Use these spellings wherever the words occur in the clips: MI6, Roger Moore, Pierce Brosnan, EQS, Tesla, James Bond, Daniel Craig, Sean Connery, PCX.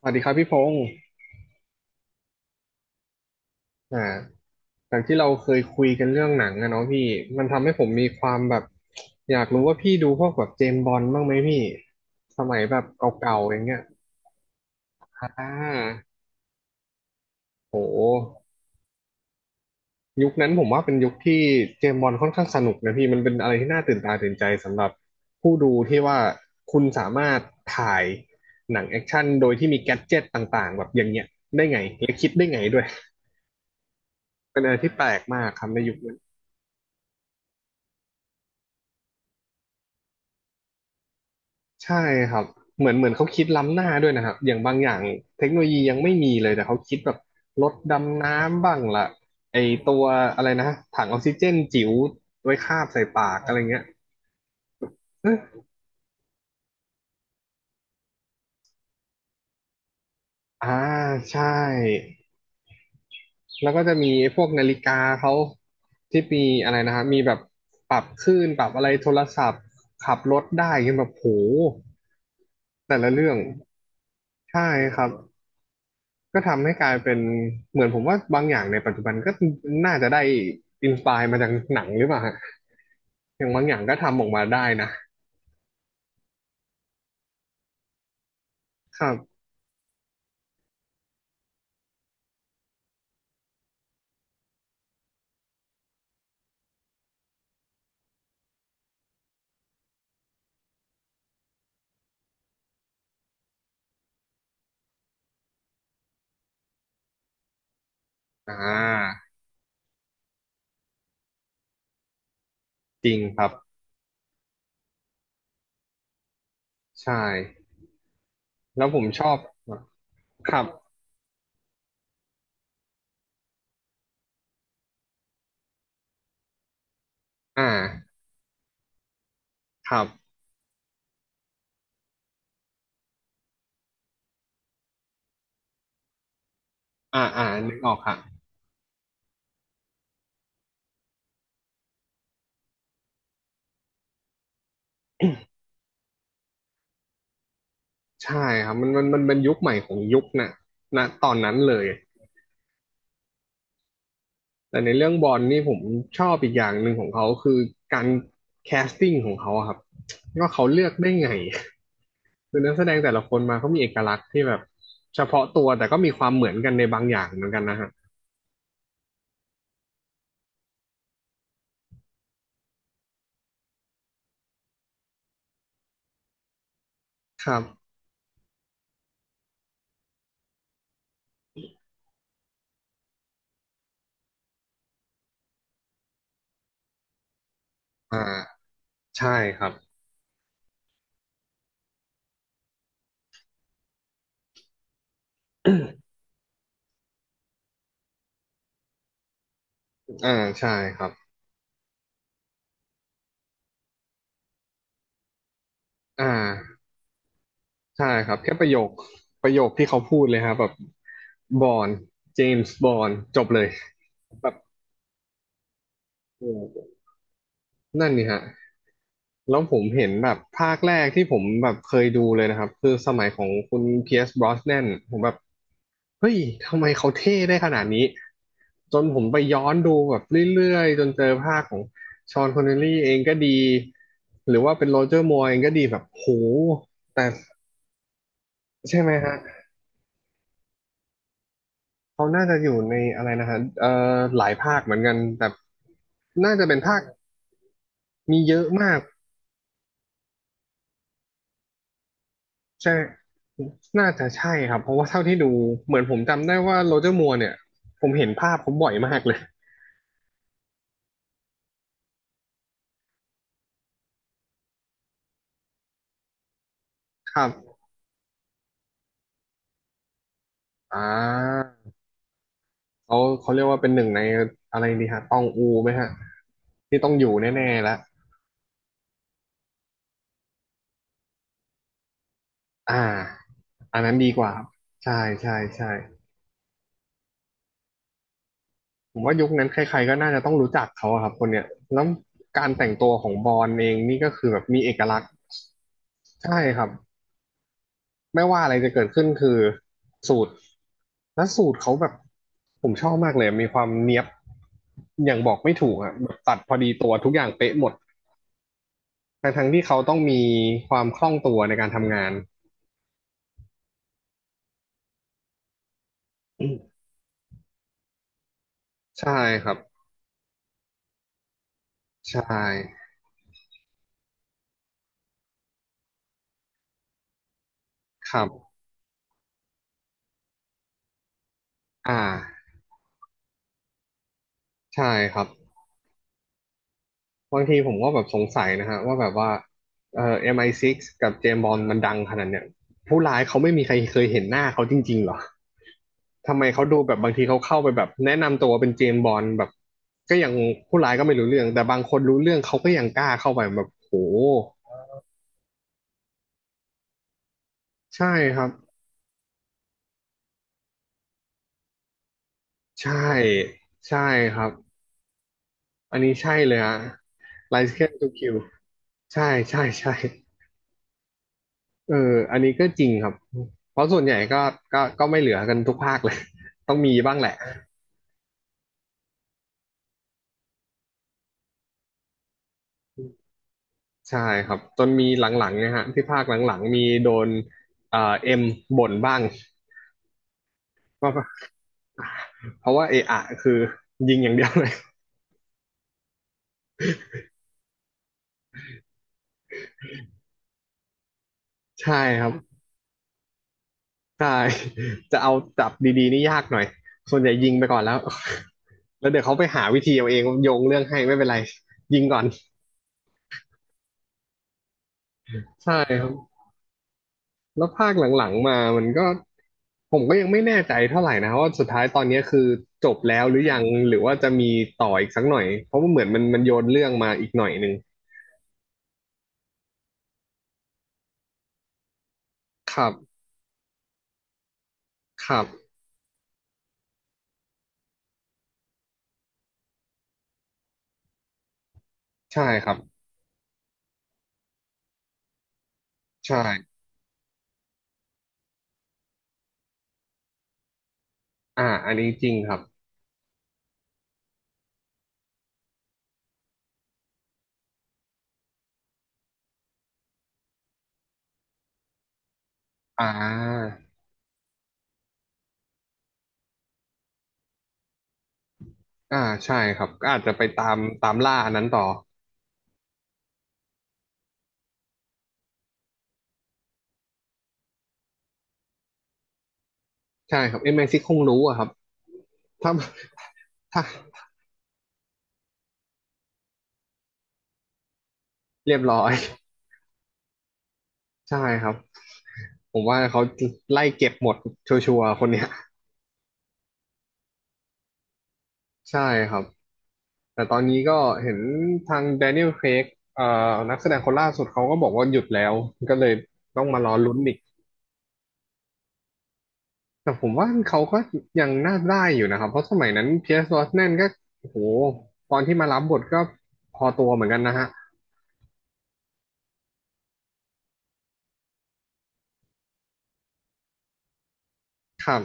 สวัสดีครับพี่พงศ์อ่าจากที่เราเคยคุยกันเรื่องหนังอะเนาะพี่ มันทำให้ผมมีความแบบ อยากรู้ว่าพี่ดูพวกแบบเจมส์บอนด์บ้างไหมพี่ สมัยแบบเก่าๆอย่างเงี้ยอ่าโห ยุคนั้นผมว่าเป็นยุคที่เจมส์บอนด์ค่อนข้างสนุกนะพี่ มันเป็นอะไรที่น่าตื่นตาตื่นใจสำหรับผู้ดูที่ว่าคุณสามารถถ่ายหนังแอคชั่นโดยที่มีแกดเจ็ตต่างๆแบบอย่างเงี้ยได้ไงและคิดได้ไงด้วยเป็นอะไรที่แปลกมากครับในยุคนั้น ใช่ครับเหมือนเขาคิดล้ำหน้าด้วยนะครับอย่างบางอย่างเทคโนโลยียังไม่มีเลยแต่เขาคิดแบบรถดำน้ำบ้างล่ะไอตัวอะไรนะถังออกซิเจนจิ๋วไว้คาบใส่ปากอะไรเงี้ยเอ๊ะอ่าใช่แล้วก็จะมีไอ้พวกนาฬิกาเขาที่มีอะไรนะครับมีแบบปรับคลื่นปรับอะไรโทรศัพท์ขับรถได้เงี้ยแบบโหแต่ละเรื่องใช่ครับ ก็ทำให้กลายเป็นเหมือนผมว่าบางอย่างในปัจจุบันก็น่าจะได้อินสปายมาจากหนังหรือเปล่าฮะอย่างบางอย่างก็ทำออกมาได้นะครับอ่าจริงครับใช่แล้วผมชอบครับอ่าครับอ่านึกออกครับใช่ครับมันเป็นยุคใหม่ของยุคน่ะนะตอนนั้นเลยแต่ในเรื่องบอลนี่ผมชอบอีกอย่างหนึ่งของเขาคือการแคสติ้งของเขาอะครับว่าเขาเลือกได้ไง คือนักแสดงแต่ละคนมาเขามีเอกลักษณ์ที่แบบเฉพาะตัวแต่ก็มีความเหมือนกันในบางอย่างเหมือนกันนะฮะครับอ่าใช่ครับอ่าใช่ครับอ่าใช่ครับแค่ประโยคที่เขาพูดเลยครับแบบบอนเจมส์บอนจบเลยแบบโอ้นั่นนี่ฮะ แล้วผมเห็นแบบภาคแรกที่ผมแบบเคยดูเลยนะครับคือสมัยของคุณเพียร์สบร osnan นนผมแบบเฮ้ยทำไมเขาเท่ได้ขนาดนี้จนผมไปย้อนดูแบบเรื่อยๆจนเจอภาคของชอนคอนเนลลี่เองก็ดีหรือว่าเป็นโรเจอร์มัวร์เองก็ดีแบบโหแต่ใช่ไหมฮะเขาน่าจะอยู่ในอะไรนะฮะหลายภาคเหมือนกันแต่น่าจะเป็นภาคมีเยอะมาก ใช่น่าจะใช่ครับเพราะว่าเท่าที่ดูเหมือนผมจำได้ว่าโรเจอร์มัวร์เนี่ยผมเห็นภาพเขาบ่อยมากเลยครับอ่าเขาเรียกว่าเป็นหนึ่งในอะไรดีฮะตองอูไหมฮะที่ต้องอยู่แน่ๆแล้วอ่าอันนั้นดีกว่าครับใช่ใช่ใช่ผมว่ายุคนั้นใครๆก็น่าจะต้องรู้จักเขาอะครับคนเนี้ยแล้วการแต่งตัวของบอนเองนี่ก็คือแบบมีเอกลักษณ์ใช่ครับ ไม่ว่าอะไรจะเกิดขึ้นคือสูตรและสูตรเขาแบบผมชอบมากเลยมีความเนียบอย่างบอกไม่ถูกอ่ะแบบตัดพอดีตัวทุกอย่างเป๊ะหมดทั้งที่เขาต้องมีความคล่องตัวในการทำงานใช่ครับใช่ครับอ่าใช่ครับ บางทีผมก็แบบสงสัยนะฮะว่าแบบว่าMI6 กซ์กับเจมส์บอนด์มันดังขนาดเนี้ยผู้ร้ายเขาไม่มีใครเคยเห็นหน้าเขาจริงๆเหรอทำไมเขาดูแบบบางทีเขาเข้าไปแบบแนะนำตัวเป็นเจมส์บอนด์แบบก็ยังผู้ร้ายก็ไม่รู้เรื่องแต่บางคนรู้เรื่องเขาก็ยังกล้าเข้าไปแบบโหใช่ครับใช่ใช่ครับอันนี้ใช่เลยฮะไลเซนส์ทูคิวใช่ใช่ใช่เอออันนี้ก็จริงครับ เพราะส่วนใหญ่ก็ก็ไม่เหลือกันทุกภาคเลย ต้องมีบ้างแหละใช่ครับจนมีหลังๆเนะฮะที่ภาคหลังๆมีโดนเอ็มบ่นบ้างว่าเพราะว่าเอะอะคือยิงอย่างเดียวเลย ใช่ครับใช่จะเอาจับดีๆนี่ยากหน่อยส่วนใหญ่ยิงไปก่อนแล้ว แล้วเดี๋ยวเขาไปหาวิธีเอาเองโยงเรื่องให้ไม่เป็นไรยิงก่อนใช่ครับ แล้วภาคหลังๆมามันก็ผมก็ยังไม่แน่ใจเท่าไหร่นะว่าสุดท้ายตอนนี้คือจบแล้วหรือยังหรือว่าจะมีต่ออีกสักหน่อยเพราะว่าเหมือนมันโยนเรื่องมาอีกหน่อยหนึ่งครับครับใช่ครับใช่อันนี้จริงครับอ่าอ่าใช่ครับก็อาจจะไปตามตามล่าอันนั้นต่อใช่ครับเอ็ยแม็กซิคงรู้อะครับถ้าถ้าเรียบร้อยใช่ครับผมว่าเขาไล่เก็บหมดชัวร์ๆคนเนี้ยใช่ครับ แต่ตอนนี้ก็เห็นทางแดเนียลเครกเอ่อนักแสดงคนล่าสุดเขาก็บอกว่าหยุดแล้ว ก็เลยต้องมารอลุ้นอีก แต่ผมว่าเขาก็ยังน่าได้อยู่นะครับ เพราะสมัยนั้นเพียร์สบรแนนก็โอ้โหตอนที่มารับบทก็พอตัวเหมือนกันนะฮะ ครับ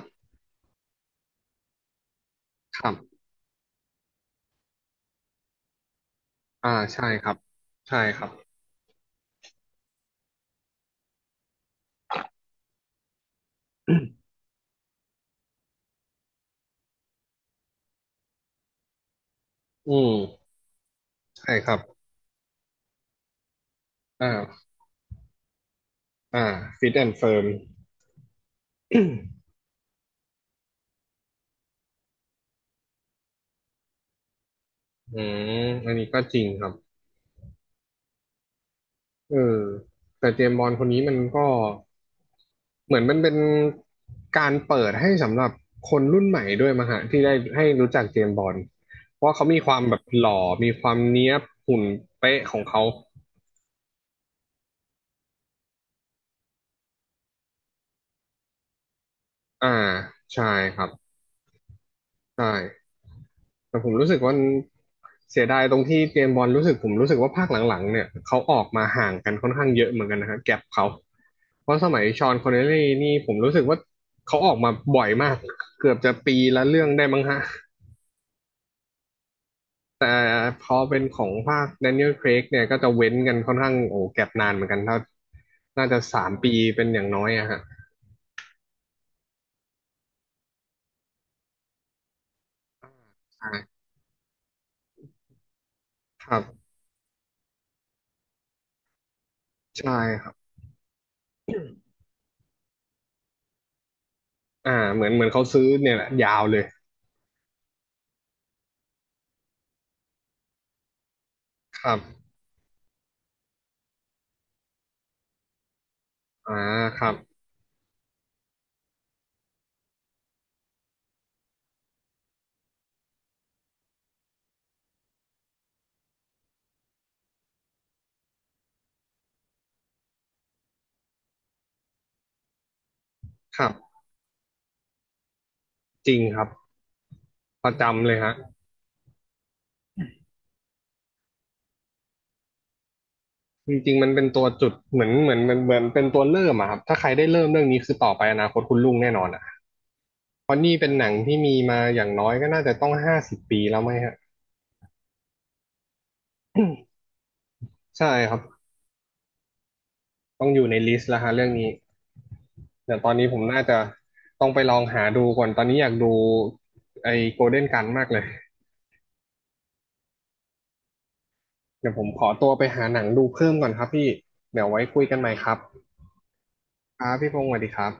ครับอ่าใช่ครับ ใช่ครับ อืมใช่ครับอ่าอ่าฟิตแอนด์เฟิร์มอืมอันนี้ก็จริงครับ เออแต่เจมส์บอนด์คนนี้มันก็เหมือนมันเป็นการเปิดให้สำหรับคนรุ่นใหม่ด้วยมางฮะที่ได้ให้รู้จักเจมส์บอนด์เพราะเขามีความแบบหล่อมีความเนี้ยบหุ่นเป๊ะของเขาอ่าใช่ครับใช่ แต่ผมรู้สึกว่าเสียดายตรงที่เจมส์บอลรู้สึกผมรู้สึกว่าภาคหลังๆเนี่ยเขาออกมาห่างกันค่อนข้างเยอะเหมือนกันนะครับแก็บเขาเพราะสมัยชอนคอนเนลลี่นี่ผมรู้สึกว่าเขาออกมาบ่อยมากเกือบจะปีละเรื่องได้มั้งฮะแต่พอเป็นของภาคแดเนียลเครกเนี่ยก็จะเว้นกันค่อนข้างโอ้แก็บนานเหมือนกันถ้าน่าจะ3 ปีเป็นอย่างน้อยอะฮะอ่าครับใช่ครับอ่าเหมือนเขาซื้อเนี่ยแหละยาวเลยครับอ่าครับครับจริงครับประจำเลยฮะ จริงๆมันเป็นตัวจุดเหมือนเหมือนเหมือนเหมือนเป็นตัวเริ่มอะครับถ้าใครได้เริ่มเรื่องนี้คือต่อไปอนาคตคุณรุ่งแน่นอนอะเพราะนี่เป็นหนังที่มีมาอย่างน้อยก็น่าจะต้อง50 ปีแล้วไหมฮะใช่ครับต้องอยู่ในลิสต์แล้วฮะเรื่องนี้เดี๋ยวตอนนี้ผมน่าจะต้องไปลองหาดูก่อนตอนนี้อยากดูไอ้โกลเด้นกันมากเลยเดี๋ยวผมขอตัวไปหาหนังดูเพิ่มก่อนครับพี่เดี๋ยวไว้คุยกันใหม่ครับครับพี่พงศ์สวัสดีครับ